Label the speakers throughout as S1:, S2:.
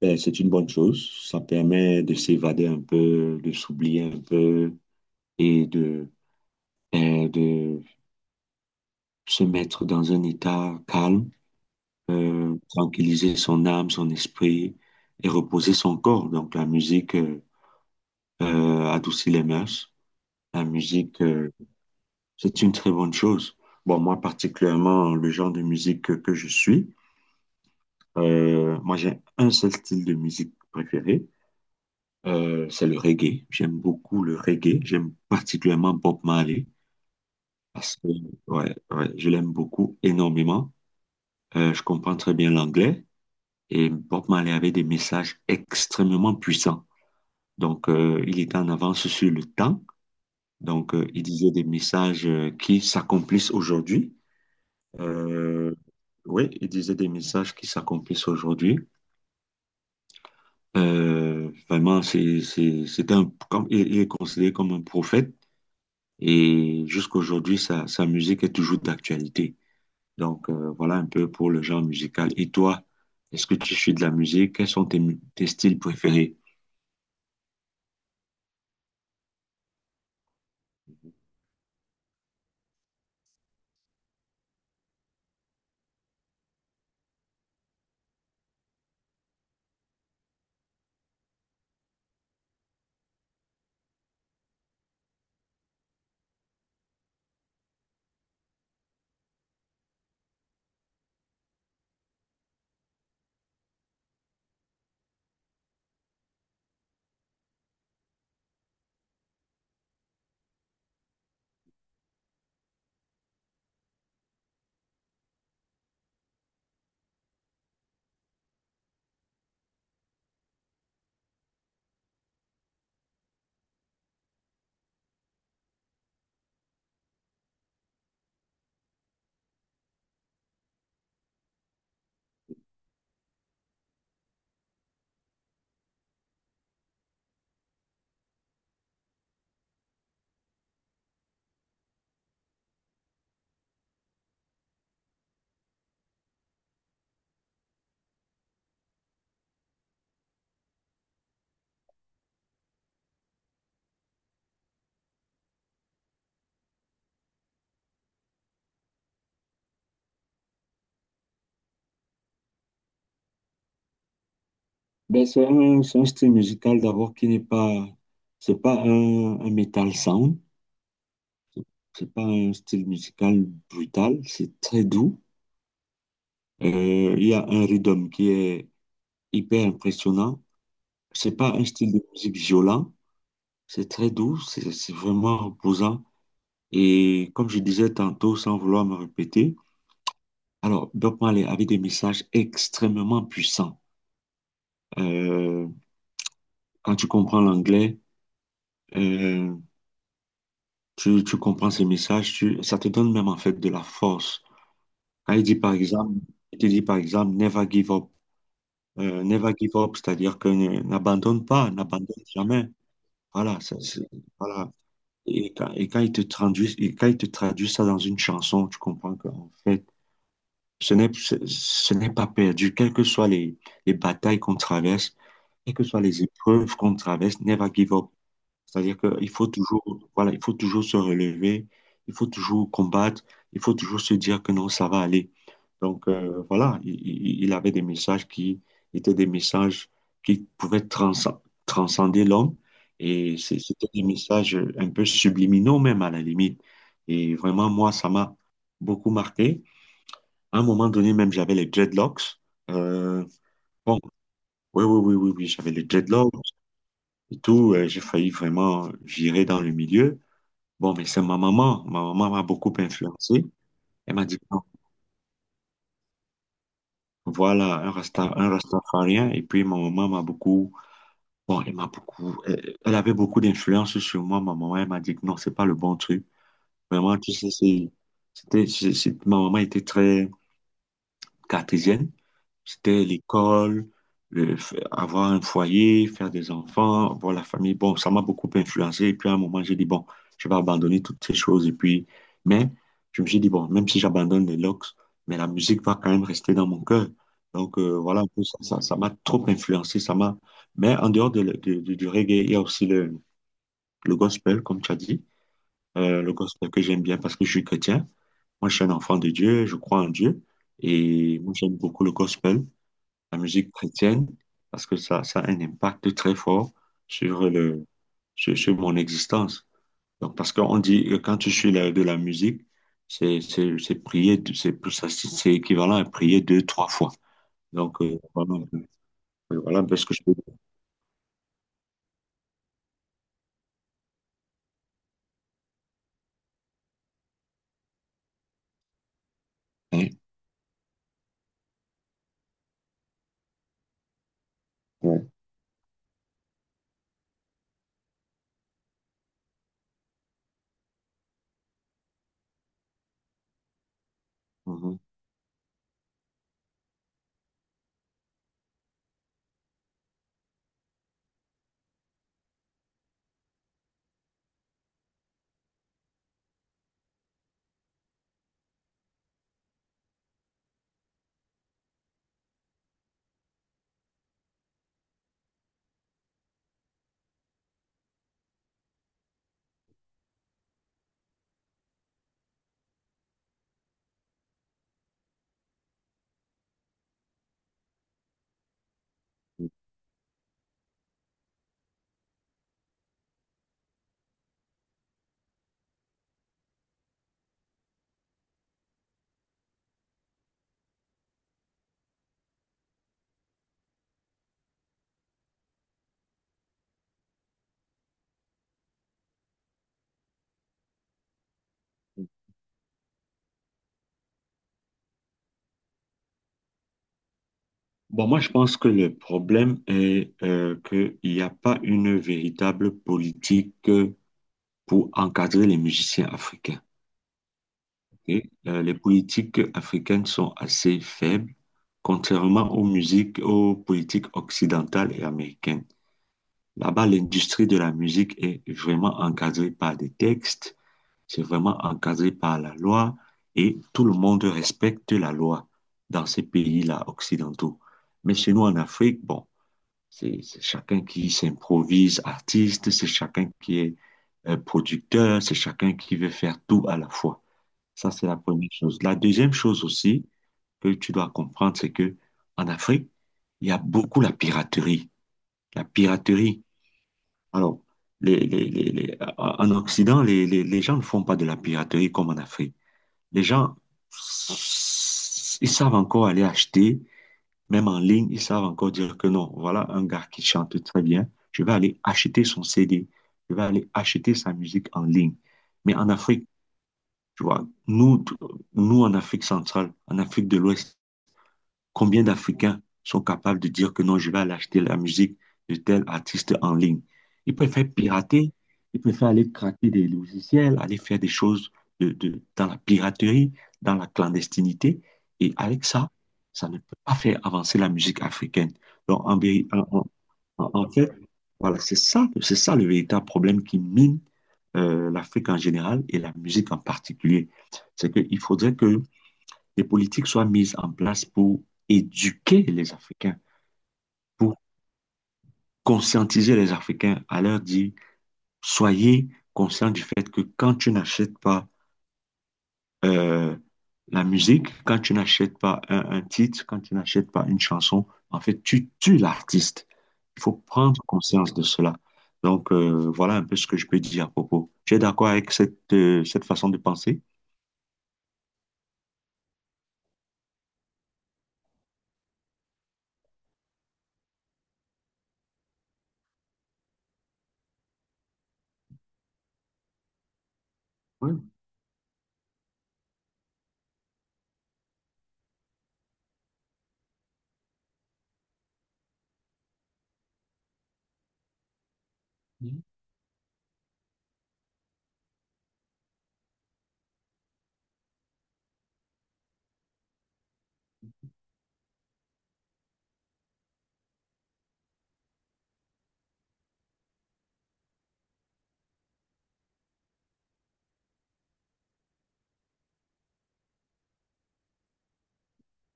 S1: Ben, c'est une bonne chose. Ça permet de s'évader un peu, de s'oublier un peu et de se mettre dans un état calme, tranquilliser son âme, son esprit et reposer son corps. Donc la musique adoucit les mœurs. La musique, euh, c'est une très bonne chose. Bon, moi particulièrement, le genre de musique que je suis, moi j'ai un seul style de musique préféré. C'est le reggae. J'aime beaucoup le reggae. J'aime particulièrement Bob Marley parce que ouais, je l'aime beaucoup énormément. Je comprends très bien l'anglais et Bob Marley avait des messages extrêmement puissants. Donc, il était en avance sur le temps. Donc, il disait des messages qui s'accomplissent aujourd'hui. Euh, oui, il disait des messages qui s'accomplissent aujourd'hui. Vraiment, c'était il est considéré comme un prophète. Et jusqu'aujourd'hui, sa musique est toujours d'actualité. Donc, voilà un peu pour le genre musical. Et toi, est-ce que tu suis de la musique? Quels sont tes styles préférés? Ben, c'est un style musical d'abord qui n'est pas, c'est pas un metal sound, c'est pas un style musical brutal, c'est très doux. Il y a un rhythm qui est hyper impressionnant. C'est pas un style de musique violent, c'est très doux, c'est vraiment reposant. Et comme je disais tantôt, sans vouloir me répéter, alors Bob Marley avait des messages extrêmement puissants. Euh, Quand tu comprends l'anglais, euh, tu comprends ces messages, ça te donne même en fait de la force. Quand il dit par exemple, il te dit par exemple, never give up. Never give up, c'est-à-dire que n'abandonne pas, n'abandonne jamais. Voilà, voilà. Et quand il te traduit, et quand il te traduit ça dans une chanson, tu comprends qu'en fait, ce ce n'est pas perdu, quelles que soient les batailles qu'on traverse, quelles que soient les épreuves qu'on traverse, never give up. C'est-à-dire voilà, il faut toujours se relever, il faut toujours combattre, il faut toujours se dire que non, ça va aller. Donc voilà, il avait des messages qui étaient des messages qui pouvaient transcender l'homme et c'était des messages un peu subliminaux même à la limite. Et vraiment, moi, ça m'a beaucoup marqué. À un moment donné, même, j'avais les dreadlocks. Euh, bon, oui, oui, oui, oui, oui, j'avais les dreadlocks et tout. J'ai failli vraiment virer dans le milieu. Bon, mais c'est ma maman. Ma maman m'a beaucoup influencé. Elle m'a dit, non, voilà, un rasta, un rastafarien. Et puis, ma maman m'a beaucoup, bon, elle avait beaucoup d'influence sur moi. Ma maman, elle m'a dit, que non, c'est pas le bon truc. Vraiment, tu sais, ma maman était très cartésienne. C'était l'école, avoir un foyer, faire des enfants, voir la famille. Bon, ça m'a beaucoup influencé. Et puis à un moment, j'ai dit, bon, je vais abandonner toutes ces choses. Mais je me suis dit, bon, même si j'abandonne les locks, mais la musique va quand même rester dans mon cœur. Donc voilà, un peu ça m'a trop influencé. Ça m'a... Mais en dehors de, le- de- du reggae, il y a aussi le gospel, comme tu as dit. Le gospel que j'aime bien parce que je suis chrétien. Moi, je suis un enfant de Dieu, je crois en Dieu. Et moi, j'aime beaucoup le gospel, la musique chrétienne, parce que ça a un impact très fort sur le, sur mon existence. Donc, parce qu'on dit que quand tu suis de la musique, c'est prier, c'est, plus- ça, c'est équivalent à prier deux, trois fois. Donc, voilà un peu ce que je peux dire. Hein? Ouais. Mhm. Bon, moi, je pense que le problème est qu'il n'y a pas une véritable politique pour encadrer les musiciens africains. Et, les politiques africaines sont assez faibles, contrairement aux musiques, aux politiques occidentales et américaines. Là-bas, l'industrie de la musique est vraiment encadrée par des textes, c'est vraiment encadré par la loi et tout le monde respecte la loi dans ces pays-là occidentaux. Mais chez nous en Afrique, bon, c'est chacun qui s'improvise artiste, c'est chacun qui est producteur, c'est chacun qui veut faire tout à la fois. Ça, c'est la première chose. La deuxième chose aussi que tu dois comprendre, c'est que 'en Afrique, il y a beaucoup la piraterie. La piraterie. Alors, en Occident, les gens ne font pas de la piraterie comme en Afrique. Les gens, ils savent encore aller acheter, même en ligne, ils savent encore dire que non, voilà un gars qui chante très bien, je vais aller acheter son CD, je vais aller acheter sa musique en ligne. Mais en Afrique, tu vois, nous, en Afrique centrale, en Afrique de l'Ouest, combien d'Africains sont capables de dire que non, je vais aller acheter la musique de tel artiste en ligne? Ils préfèrent pirater, ils préfèrent aller craquer des logiciels, aller faire des choses dans la piraterie, dans la clandestinité. Et avec ça, ça ne peut pas faire avancer la musique africaine. Donc, en, vé- en- en, en fait, voilà, c'est ça le véritable problème qui mine l'Afrique en général et la musique en particulier. C'est qu'il faudrait que les politiques soient mises en place pour éduquer les Africains, pour conscientiser les Africains, à leur dire, soyez conscients du fait que quand tu n'achètes pas Euh, la musique, quand tu n'achètes pas un titre, quand tu n'achètes pas une chanson, en fait, tu tues l'artiste. Il faut prendre conscience de cela. Donc, voilà un peu ce que je peux dire à propos. Tu es d'accord avec cette façon de penser? Oui. Oui.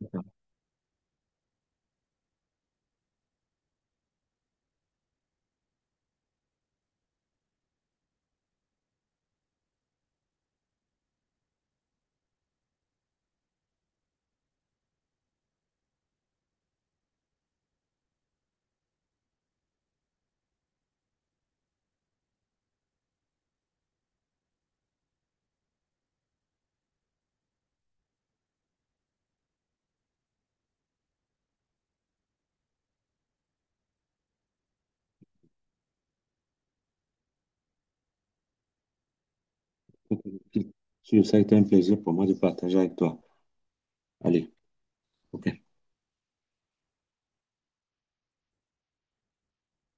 S1: D'accord. Ok, ok. Ça a été un plaisir pour moi de partager avec toi. Allez, ok.